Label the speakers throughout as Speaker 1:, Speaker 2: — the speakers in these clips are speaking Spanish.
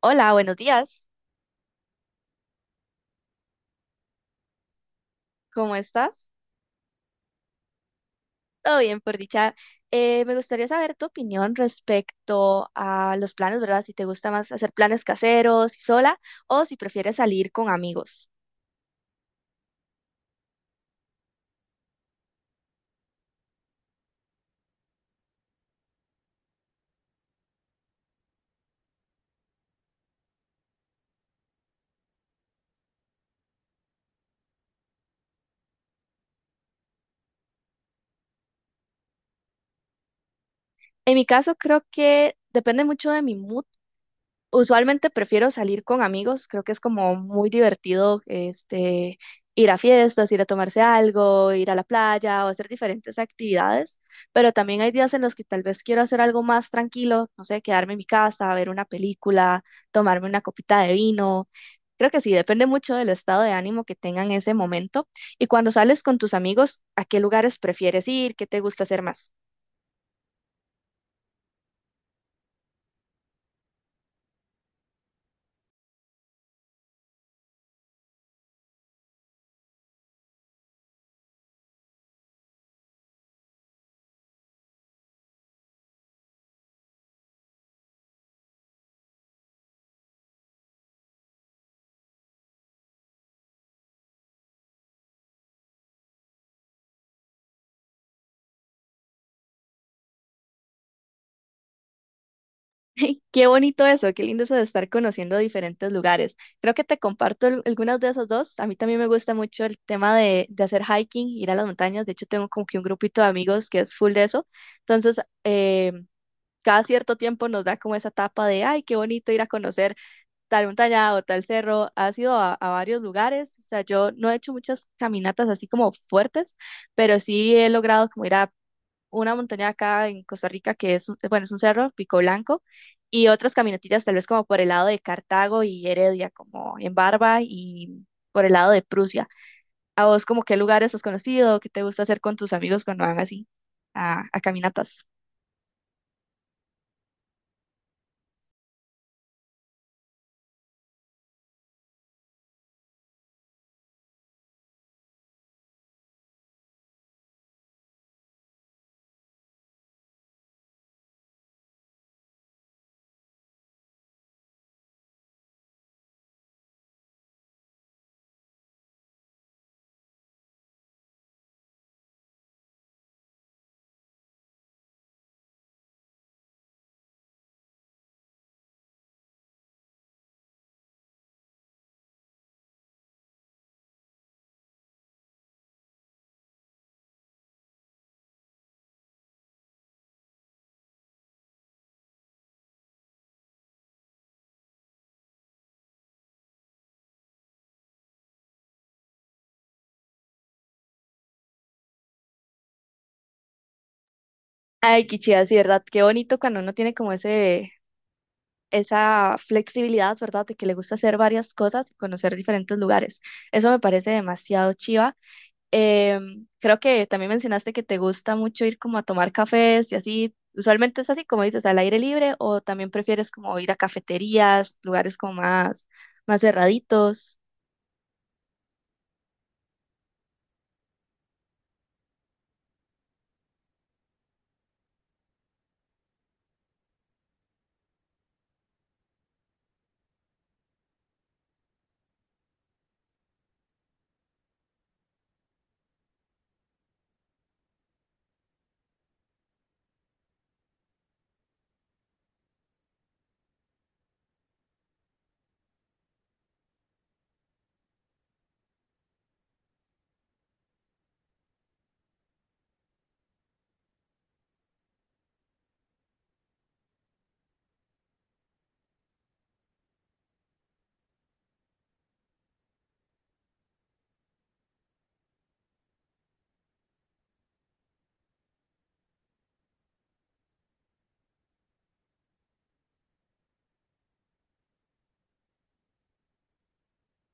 Speaker 1: Hola, buenos días. ¿Cómo estás? Todo bien, por dicha. Me gustaría saber tu opinión respecto a los planes, ¿verdad? Si te gusta más hacer planes caseros y sola o si prefieres salir con amigos. En mi caso, creo que depende mucho de mi mood. Usualmente prefiero salir con amigos, creo que es como muy divertido ir a fiestas, ir a tomarse algo, ir a la playa o hacer diferentes actividades, pero también hay días en los que tal vez quiero hacer algo más tranquilo, no sé, quedarme en mi casa, ver una película, tomarme una copita de vino. Creo que sí, depende mucho del estado de ánimo que tengan en ese momento. Y cuando sales con tus amigos, ¿a qué lugares prefieres ir? ¿Qué te gusta hacer más? Qué bonito eso, qué lindo eso de estar conociendo diferentes lugares. Creo que te comparto algunas de esas dos. A mí también me gusta mucho el tema de hacer hiking, ir a las montañas. De hecho, tengo como que un grupito de amigos que es full de eso. Entonces, eh, cada cierto tiempo nos da como esa etapa de, ay, qué bonito ir a conocer tal montaña o tal cerro. Has ido a varios lugares. O sea, yo no he hecho muchas caminatas así como fuertes, pero sí he logrado como ir a una montaña acá en Costa Rica que es, bueno, es un cerro, Pico Blanco, y otras caminatillas tal vez como por el lado de Cartago y Heredia, como en Barba y por el lado de Prusia. ¿A vos como qué lugares has conocido? ¿Qué te gusta hacer con tus amigos cuando van así a caminatas? Ay, qué chida, sí, ¿verdad? Qué bonito cuando uno tiene como ese, esa flexibilidad, ¿verdad? De que le gusta hacer varias cosas y conocer diferentes lugares. Eso me parece demasiado chiva. Creo que también mencionaste que te gusta mucho ir como a tomar cafés y así. Usualmente es así, como dices, al aire libre, o también prefieres como ir a cafeterías, lugares como más, más cerraditos.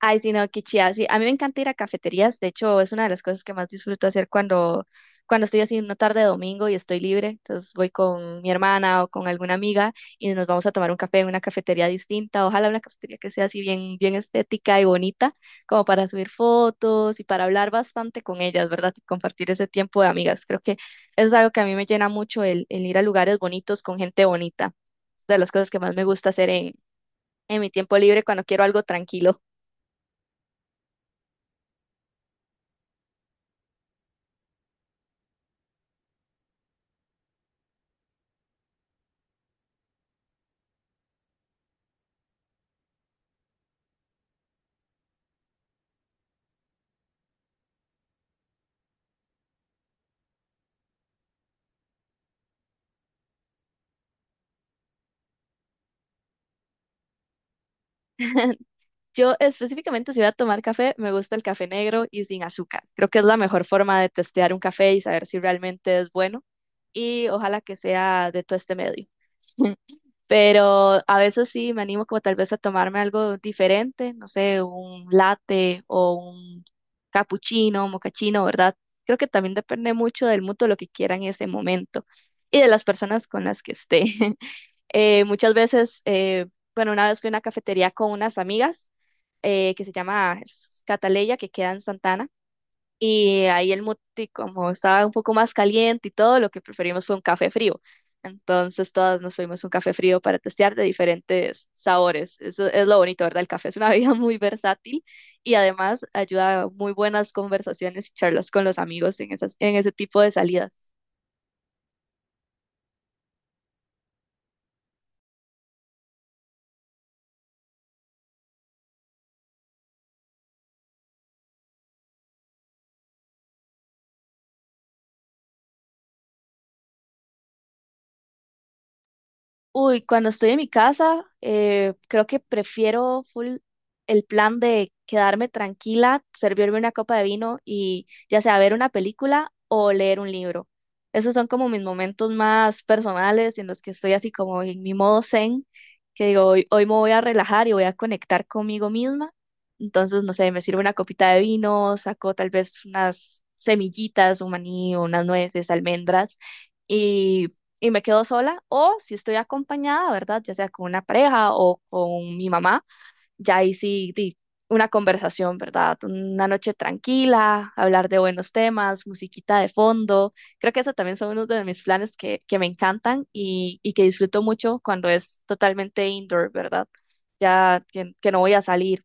Speaker 1: Ay, sí, no, qué chida. Sí, a mí me encanta ir a cafeterías. De hecho, es una de las cosas que más disfruto hacer cuando estoy así en una tarde de domingo y estoy libre. Entonces voy con mi hermana o con alguna amiga y nos vamos a tomar un café en una cafetería distinta. Ojalá una cafetería que sea así bien, bien estética y bonita, como para subir fotos y para hablar bastante con ellas, ¿verdad? Y compartir ese tiempo de amigas. Creo que eso es algo que a mí me llena mucho el ir a lugares bonitos con gente bonita. De las cosas que más me gusta hacer en mi tiempo libre cuando quiero algo tranquilo. Yo específicamente si voy a tomar café, me gusta el café negro y sin azúcar. Creo que es la mejor forma de testear un café y saber si realmente es bueno y ojalá que sea de todo este medio. Pero a veces sí me animo como tal vez a tomarme algo diferente, no sé, un latte o un cappuccino, mocachino, ¿verdad? Creo que también depende mucho del mutuo lo que quiera en ese momento y de las personas con las que esté. Muchas veces, bueno, una vez fui a una cafetería con unas amigas que se llama Cataleya, que queda en Santana, y ahí el muti, como estaba un poco más caliente y todo, lo que preferimos fue un café frío. Entonces todas nos fuimos un café frío para testear de diferentes sabores. Eso es lo bonito, ¿verdad? El café es una bebida muy versátil y además ayuda a muy buenas conversaciones y charlas con los amigos en esas, en ese tipo de salidas. Uy, cuando estoy en mi casa, creo que prefiero full el plan de quedarme tranquila, servirme una copa de vino y ya sea ver una película o leer un libro. Esos son como mis momentos más personales en los que estoy así como en mi modo zen, que digo, hoy me voy a relajar y voy a conectar conmigo misma. Entonces, no sé, me sirvo una copita de vino, saco tal vez unas semillitas, un maní o unas nueces, almendras y me quedo sola, o si estoy acompañada, ¿verdad? Ya sea con una pareja o con mi mamá, ya ahí sí, di una conversación, ¿verdad? Una noche tranquila, hablar de buenos temas, musiquita de fondo. Creo que eso también son uno de mis planes que me encantan y que disfruto mucho cuando es totalmente indoor, ¿verdad? Ya que no voy a salir.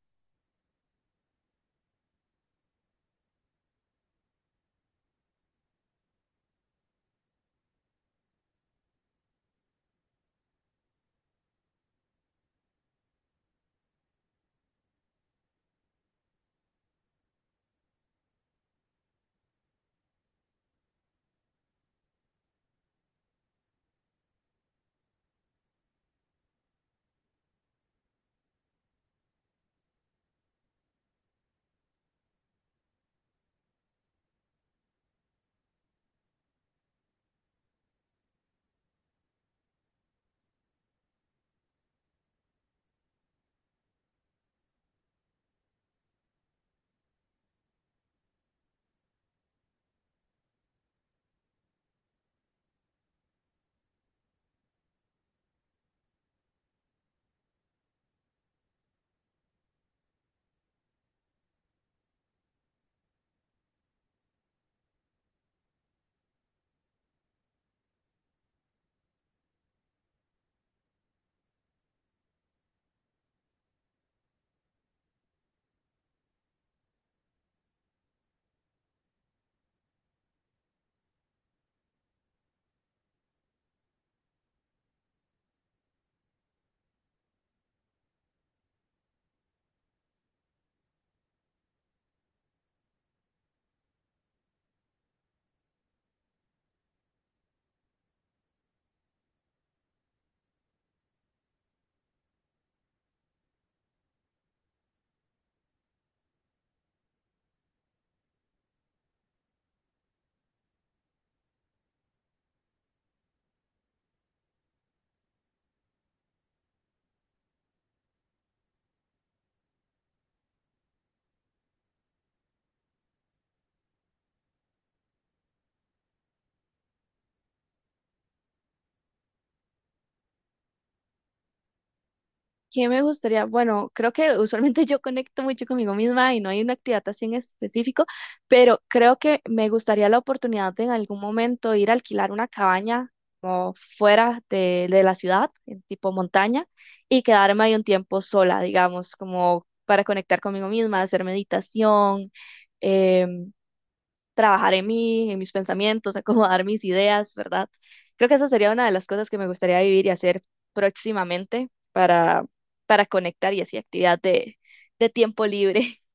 Speaker 1: ¿Qué me gustaría? Bueno, creo que usualmente yo conecto mucho conmigo misma y no hay una actividad así en específico, pero creo que me gustaría la oportunidad de en algún momento ir a alquilar una cabaña como fuera de la ciudad, en tipo montaña, y quedarme ahí un tiempo sola, digamos, como para conectar conmigo misma, hacer meditación, em, trabajar en mí, en mis pensamientos, acomodar mis ideas, ¿verdad? Creo que esa sería una de las cosas que me gustaría vivir y hacer próximamente para conectar y así actividad de tiempo libre.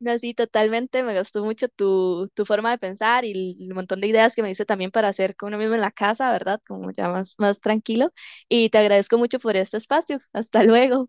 Speaker 1: No, sí, totalmente, me gustó mucho tu forma de pensar y el montón de ideas que me dice también para hacer con uno mismo en la casa, ¿verdad? Como ya más, más tranquilo. Y te agradezco mucho por este espacio. Hasta luego.